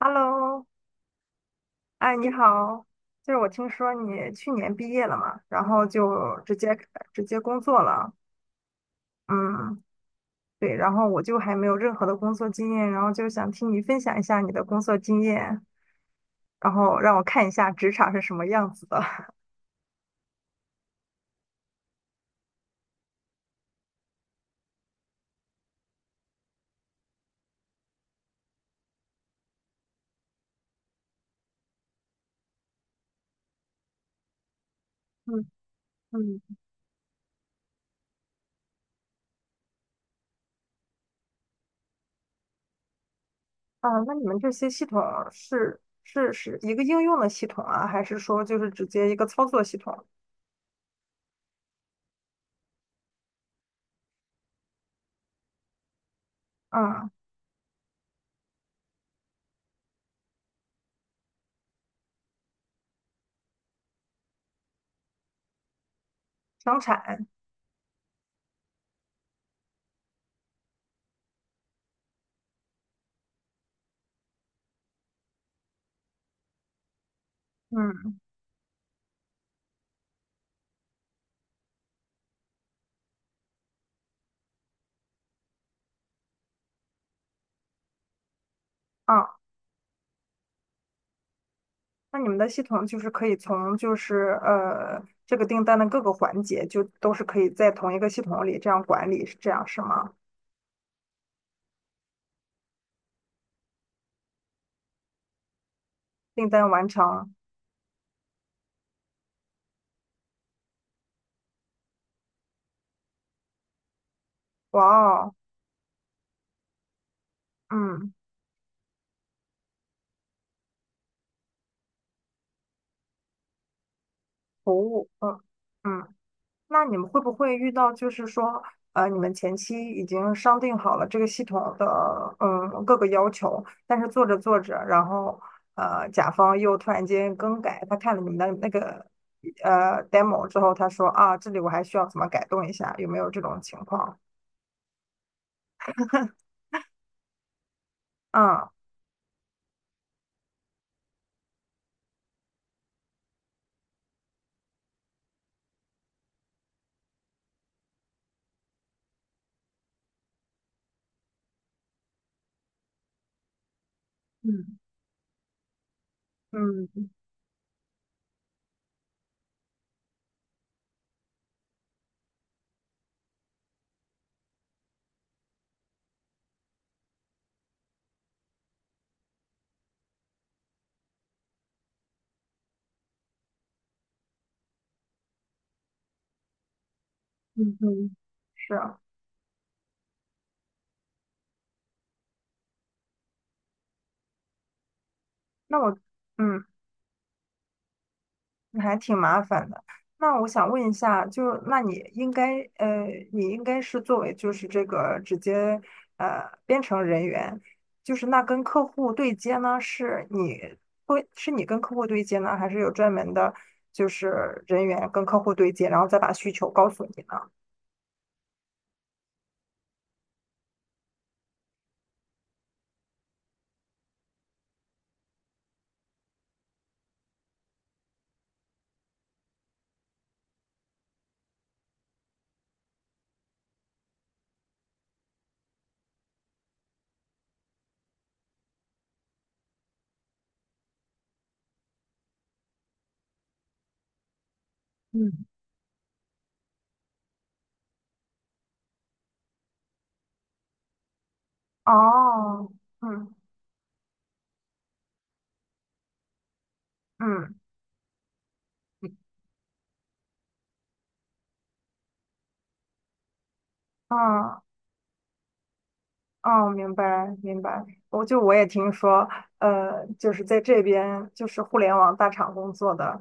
Hello，哎，你好，就是我听说你去年毕业了嘛，然后就直接工作了。嗯。对，然后我就还没有任何的工作经验，然后就想听你分享一下你的工作经验，然后让我看一下职场是什么样子的。嗯嗯。啊，那你们这些系统是一个应用的系统啊，还是说就是直接一个操作系统？嗯，生产，嗯。啊。那你们的系统就是可以从就是这个订单的各个环节，就都是可以在同一个系统里这样管理，是这样是吗？订单完成，哇哦，嗯，服务，嗯嗯。那你们会不会遇到，就是说，你们前期已经商定好了这个系统的，嗯，各个要求，但是做着做着，然后，甲方又突然间更改，他看了你们的那个，demo 之后，他说啊，这里我还需要怎么改动一下，有没有这种情况？嗯嗯嗯嗯嗯，是啊，那我，嗯。还挺麻烦的。那我想问一下，就是那你应该你应该是作为就是这个直接编程人员，就是那跟客户对接呢，会是你跟客户对接呢，还是有专门的就是人员跟客户对接，然后再把需求告诉你呢？嗯。哦，嗯嗯嗯，哦，明白明白，我也听说，就是在这边就是互联网大厂工作的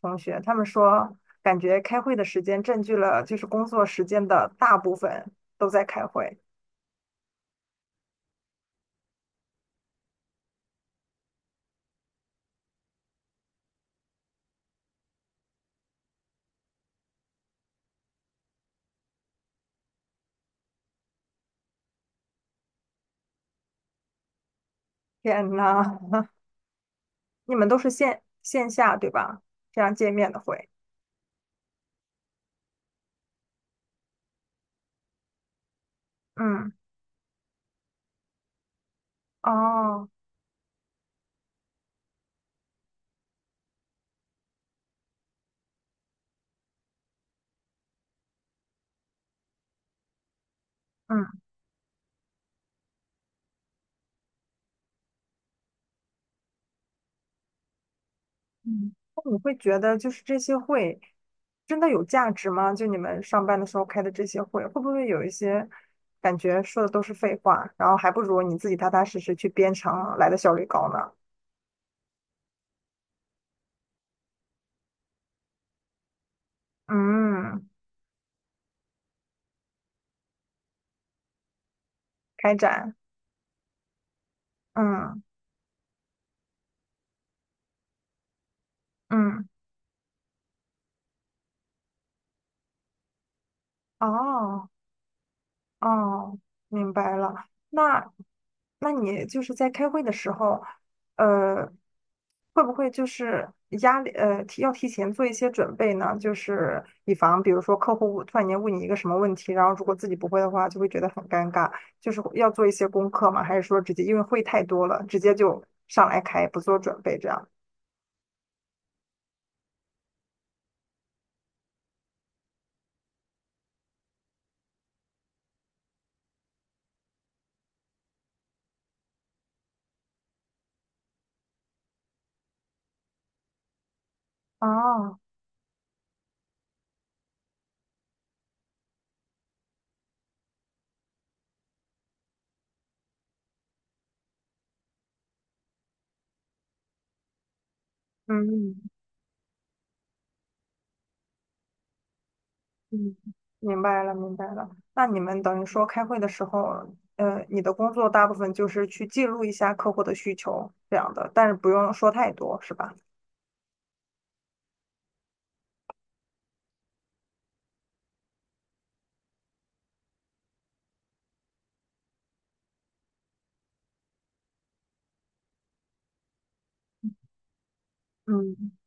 同学，他们说感觉开会的时间占据了就是工作时间的大部分都在开会。天呐。你们都是线下对吧？这样见面的会。嗯，哦，嗯。嗯。那你会觉得就是这些会真的有价值吗？就你们上班的时候开的这些会，会不会有一些感觉说的都是废话，然后还不如你自己踏踏实实去编程来的效率高呢？嗯，开展，嗯嗯，哦。哦，明白了。那，那你就是在开会的时候，呃，会不会就是压力，提要提前做一些准备呢？就是以防，比如说客户突然间问你一个什么问题，然后如果自己不会的话，就会觉得很尴尬。就是要做一些功课吗？还是说直接因为会太多了，直接就上来开，不做准备这样？哦，嗯。嗯，明白了，明白了。那你们等于说开会的时候，你的工作大部分就是去记录一下客户的需求这样的，但是不用说太多，是吧？嗯，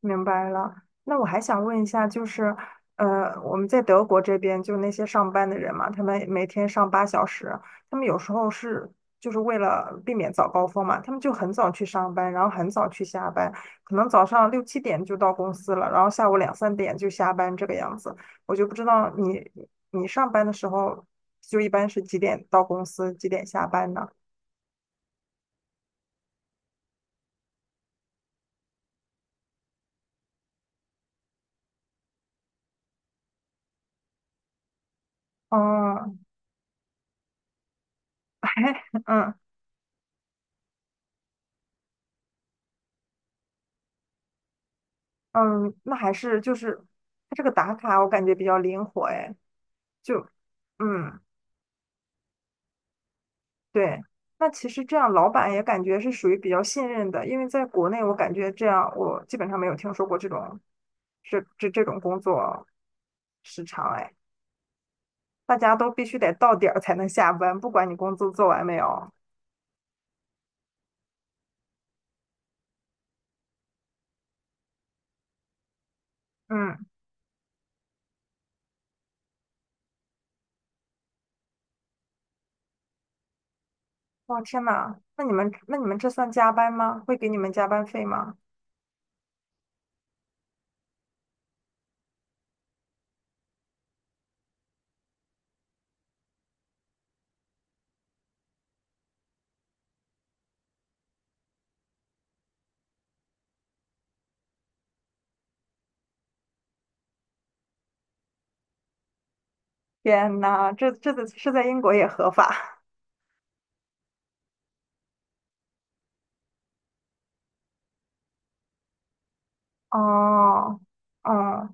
明白了。那我还想问一下，就是，我们在德国这边，就那些上班的人嘛，他们每天上八小时，他们有时候是就是为了避免早高峰嘛，他们就很早去上班，然后很早去下班，可能早上六七点就到公司了，然后下午两三点就下班这个样子。我就不知道你上班的时候，就一般是几点到公司，几点下班呢？哦，嗯。嗯，那还是就是它这个打卡，我感觉比较灵活哎，就嗯，对。那其实这样，老板也感觉是属于比较信任的，因为在国内，我感觉这样，我基本上没有听说过这种这种工作时长哎，大家都必须得到点儿才能下班，不管你工作做完没有。嗯，哇天呐，那你们这算加班吗？会给你们加班费吗？天呐，这是在英国也合法 哦。哦，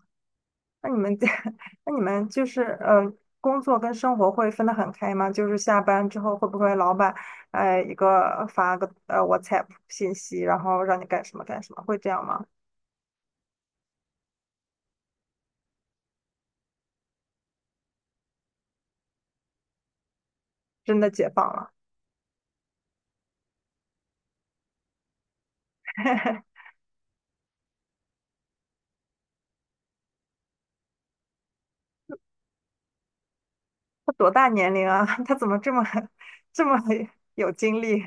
那你们 那你们就是工作跟生活会分得很开吗？就是下班之后会不会老板一个发个WhatsApp 信息，然后让你干什么干什么，会这样吗？真的解放了？他多大年龄啊？他怎么这么 这么有精力？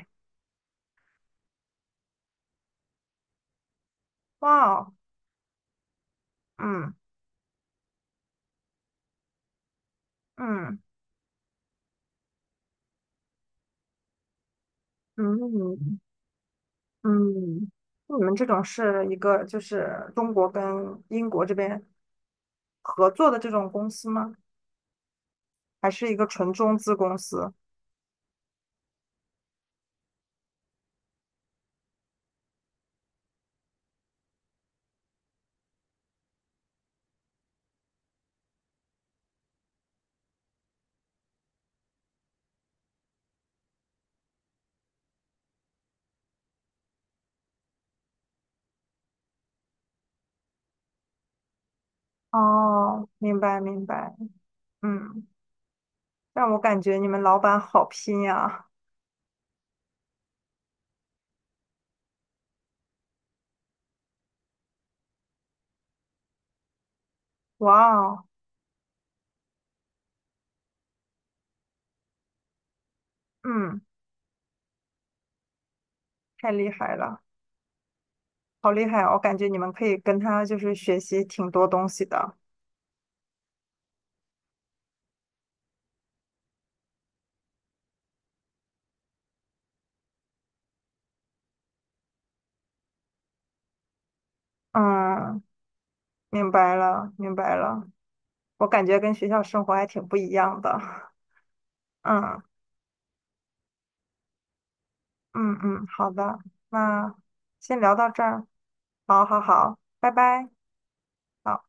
哇哦，嗯嗯嗯嗯。那你们这种是一个就是中国跟英国这边合作的这种公司吗？还是一个纯中资公司？哦，明白明白。嗯，让我感觉你们老板好拼呀。哇哦，嗯，太厉害了，好厉害哦，我感觉你们可以跟他就是学习挺多东西的。嗯，明白了明白了。我感觉跟学校生活还挺不一样的。嗯嗯嗯，好的。那先聊到这儿，好好好，拜拜。好。